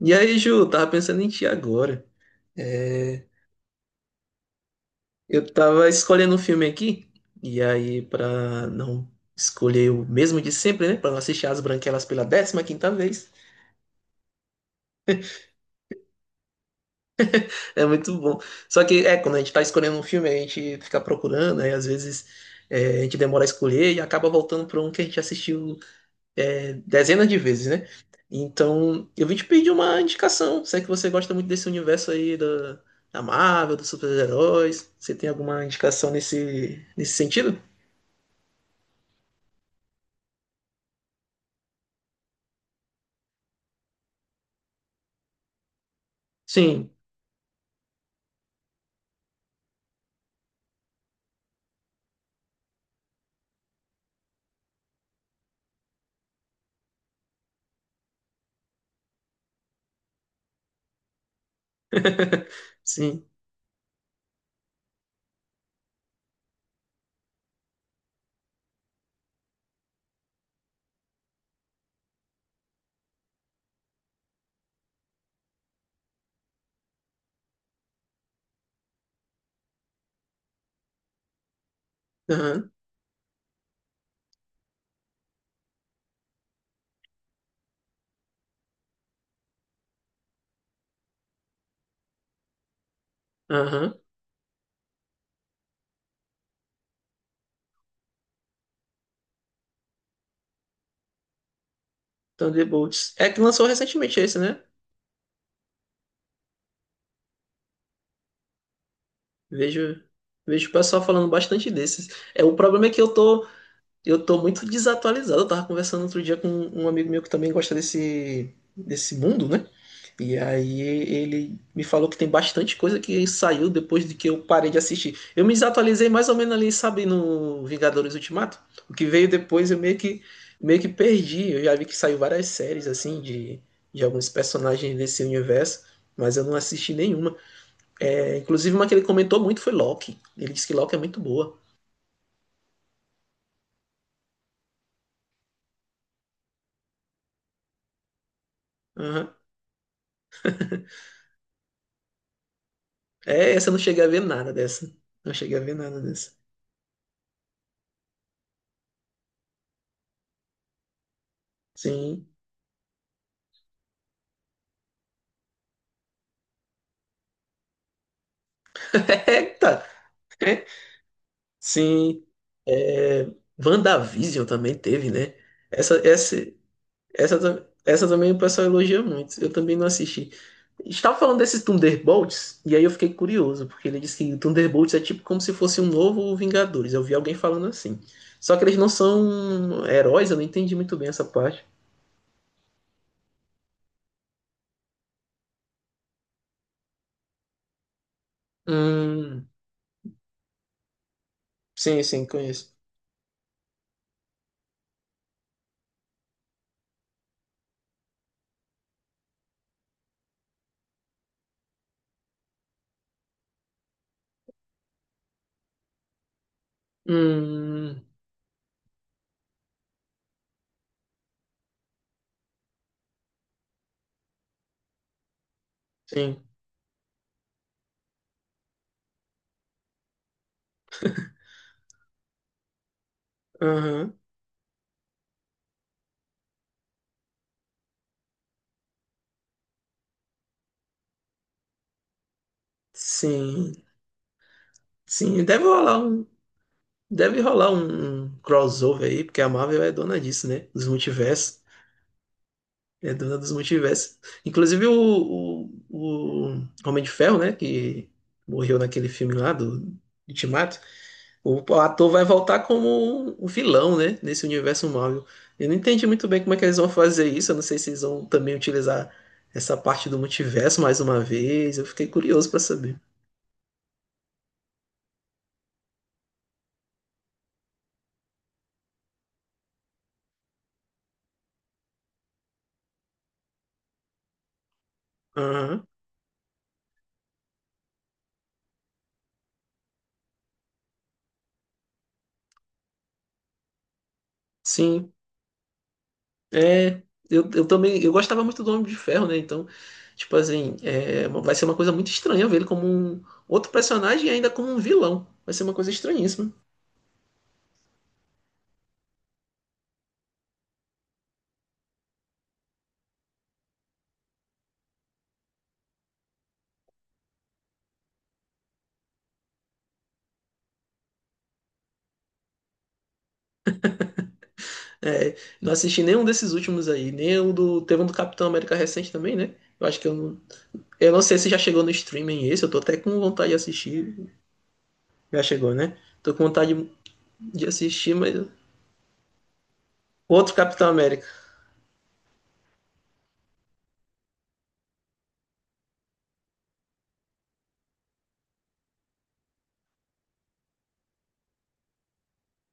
E aí, Ju, tava pensando em ti agora. É, eu tava escolhendo um filme aqui, e aí, pra não escolher o mesmo de sempre, né? Pra não assistir As Branquelas pela décima quinta vez, é muito bom. Só que, quando a gente tá escolhendo um filme, a gente fica procurando, aí às vezes a gente demora a escolher e acaba voltando pra um que a gente assistiu dezenas de vezes, né? Então, eu vim te pedir uma indicação. Se é que você gosta muito desse universo aí da Marvel, dos super-heróis, você tem alguma indicação nesse sentido? Sim. Sim. Aham. Aham. Thunderbolts. É que lançou recentemente esse, né? Vejo, vejo o pessoal falando bastante desses. É, o problema é que eu tô muito desatualizado. Eu tava conversando outro dia com um amigo meu que também gosta desse mundo, né? E aí ele me falou que tem bastante coisa que saiu depois de que eu parei de assistir. Eu me desatualizei mais ou menos ali, sabe, no Vingadores Ultimato. O que veio depois meio que perdi. Eu já vi que saiu várias séries, assim, de alguns personagens desse universo, mas eu não assisti nenhuma. É, inclusive uma que ele comentou muito foi Loki. Ele disse que Loki é muito boa. Aham. É, essa eu não cheguei a ver nada dessa. Não cheguei a ver nada dessa. Sim. Eita! É. Sim. É, WandaVision também teve, né? Essa, essa, essa também o pessoal elogia muito. Eu também não assisti. Estava falando desses Thunderbolts, e aí eu fiquei curioso, porque ele disse que Thunderbolts é tipo como se fosse um novo Vingadores. Eu vi alguém falando assim. Só que eles não são heróis, eu não entendi muito bem essa parte. Hum, sim, sim, conheço. Hum, sim. Aham. Sim. Sim, deve rolar um Deve rolar um crossover aí, porque a Marvel é dona disso, né? Dos multiversos. É dona dos multiversos. Inclusive o Homem de Ferro, né? Que morreu naquele filme lá do Ultimato. O ator vai voltar como um vilão, né? Nesse universo Marvel. Eu não entendi muito bem como é que eles vão fazer isso. Eu não sei se eles vão também utilizar essa parte do multiverso mais uma vez. Eu fiquei curioso pra saber. Aham. Sim. É, eu também, eu gostava muito do Homem de Ferro, né? Então, tipo assim, é, vai ser uma coisa muito estranha ver ele como um outro personagem e ainda como um vilão. Vai ser uma coisa estranhíssima. É, não assisti nenhum desses últimos aí, nem o do, teve um do Capitão América recente também, né? Eu acho que eu não sei se já chegou no streaming esse, eu tô até com vontade de assistir. Já chegou, né? Tô com vontade de assistir, mas outro Capitão América.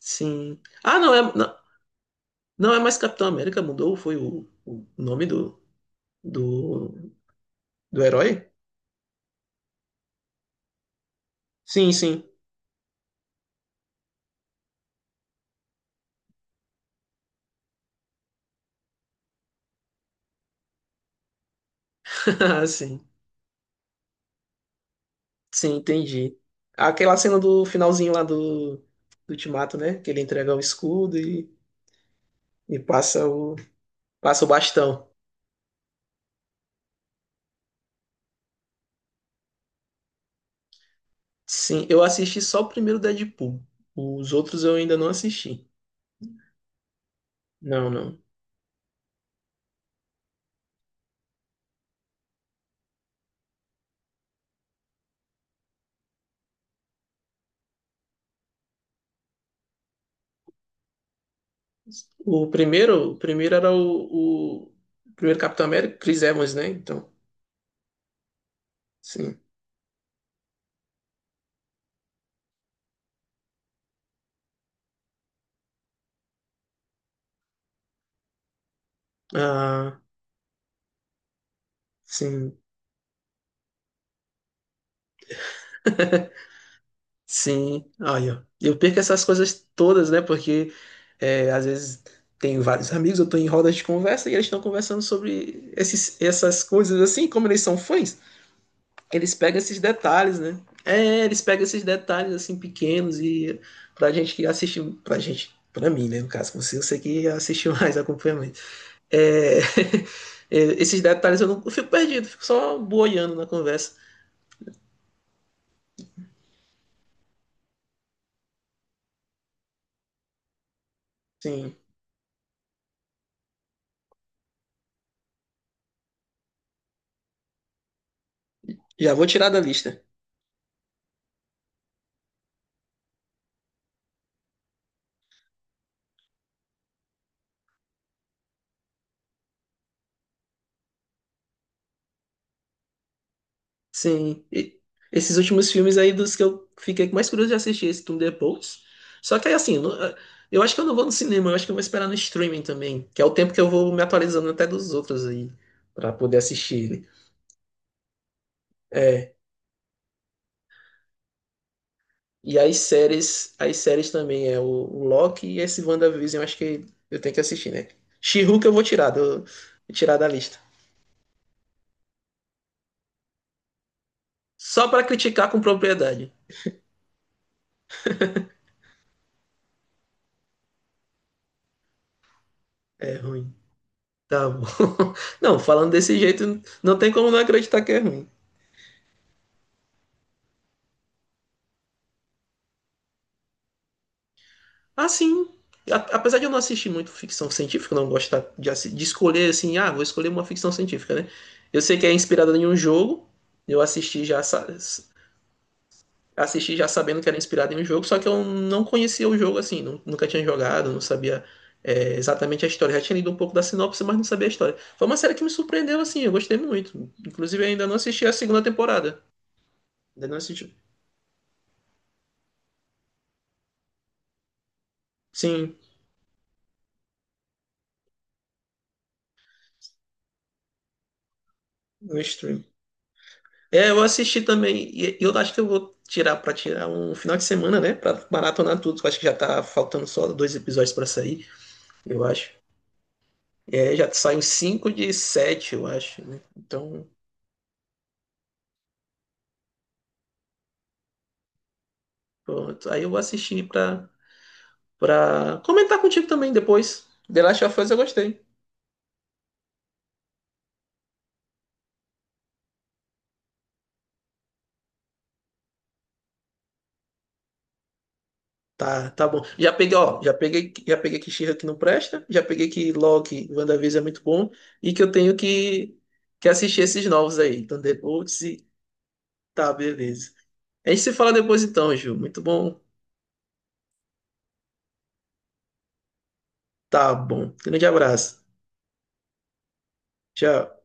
Sim. Ah, não é, não, não é mais Capitão América, mudou, foi o nome do do Do herói? Sim, sim. Sim, sim, entendi. Aquela cena do finalzinho lá do Ultimato, né? Que ele entrega o escudo e passa passa o bastão. Sim, eu assisti só o primeiro Deadpool. Os outros eu ainda não assisti. Não, não. O primeiro era o primeiro Capitão América, Chris Evans, né? Então, sim. Ah, sim. Sim, olha, eu perco essas coisas todas, né? Porque é, às vezes tenho vários amigos, eu tô em rodas de conversa e eles estão conversando sobre essas coisas assim, como eles são fãs, eles pegam esses detalhes, né? É, eles pegam esses detalhes assim pequenos e pra gente que assiste, pra mim, né? No caso, você, eu sei que assistiu mais acompanhamento. É, é, esses detalhes eu não eu fico perdido, fico só boiando na conversa. Sim, já vou tirar da lista. Sim. E esses últimos filmes aí dos que eu fiquei com mais curioso de assistir esse Tudo Depois. Só que aí, assim, eu acho que eu não vou no cinema, eu acho que eu vou esperar no streaming também, que é o tempo que eu vou me atualizando até dos outros aí, pra poder assistir. Né? É. E as séries também é o Loki e esse WandaVision, eu acho que eu tenho que assistir, né? She-Hulk eu vou tirar, vou tirar da lista. Só pra criticar com propriedade. É ruim. Tá bom. Não, falando desse jeito, não tem como não acreditar que é ruim. Ah, sim. A- Apesar de eu não assistir muito ficção científica, não gosto de escolher assim, ah, vou escolher uma ficção científica, né? Eu sei que é inspirada em um jogo, eu assisti já, sa- assisti já sabendo que era inspirada em um jogo, só que eu não conhecia o jogo assim, nunca tinha jogado, não sabia exatamente a história. Já tinha lido um pouco da sinopse, mas não sabia a história. Foi uma série que me surpreendeu assim, eu gostei muito. Inclusive, eu ainda não assisti a segunda temporada. Ainda não assisti. Sim, no stream. É, eu assisti também. E eu acho que eu vou tirar pra tirar um final de semana, né? Pra maratonar tudo. Que Eu acho que já tá faltando só dois episódios pra sair, eu acho. É, já saiu cinco de sete, eu acho, né? Então, pronto. Aí eu vou assistir pra comentar contigo também depois. The Last of Us eu gostei. Tá, tá bom. Já peguei, ó, já peguei que She-Hulk que não presta, já peguei que Loki, WandaVision é muito bom e que eu tenho que assistir esses novos aí. Então Thunderbolts e tá, beleza. A gente se fala depois então, Ju. Muito bom. Tá bom. Grande abraço. Tchau.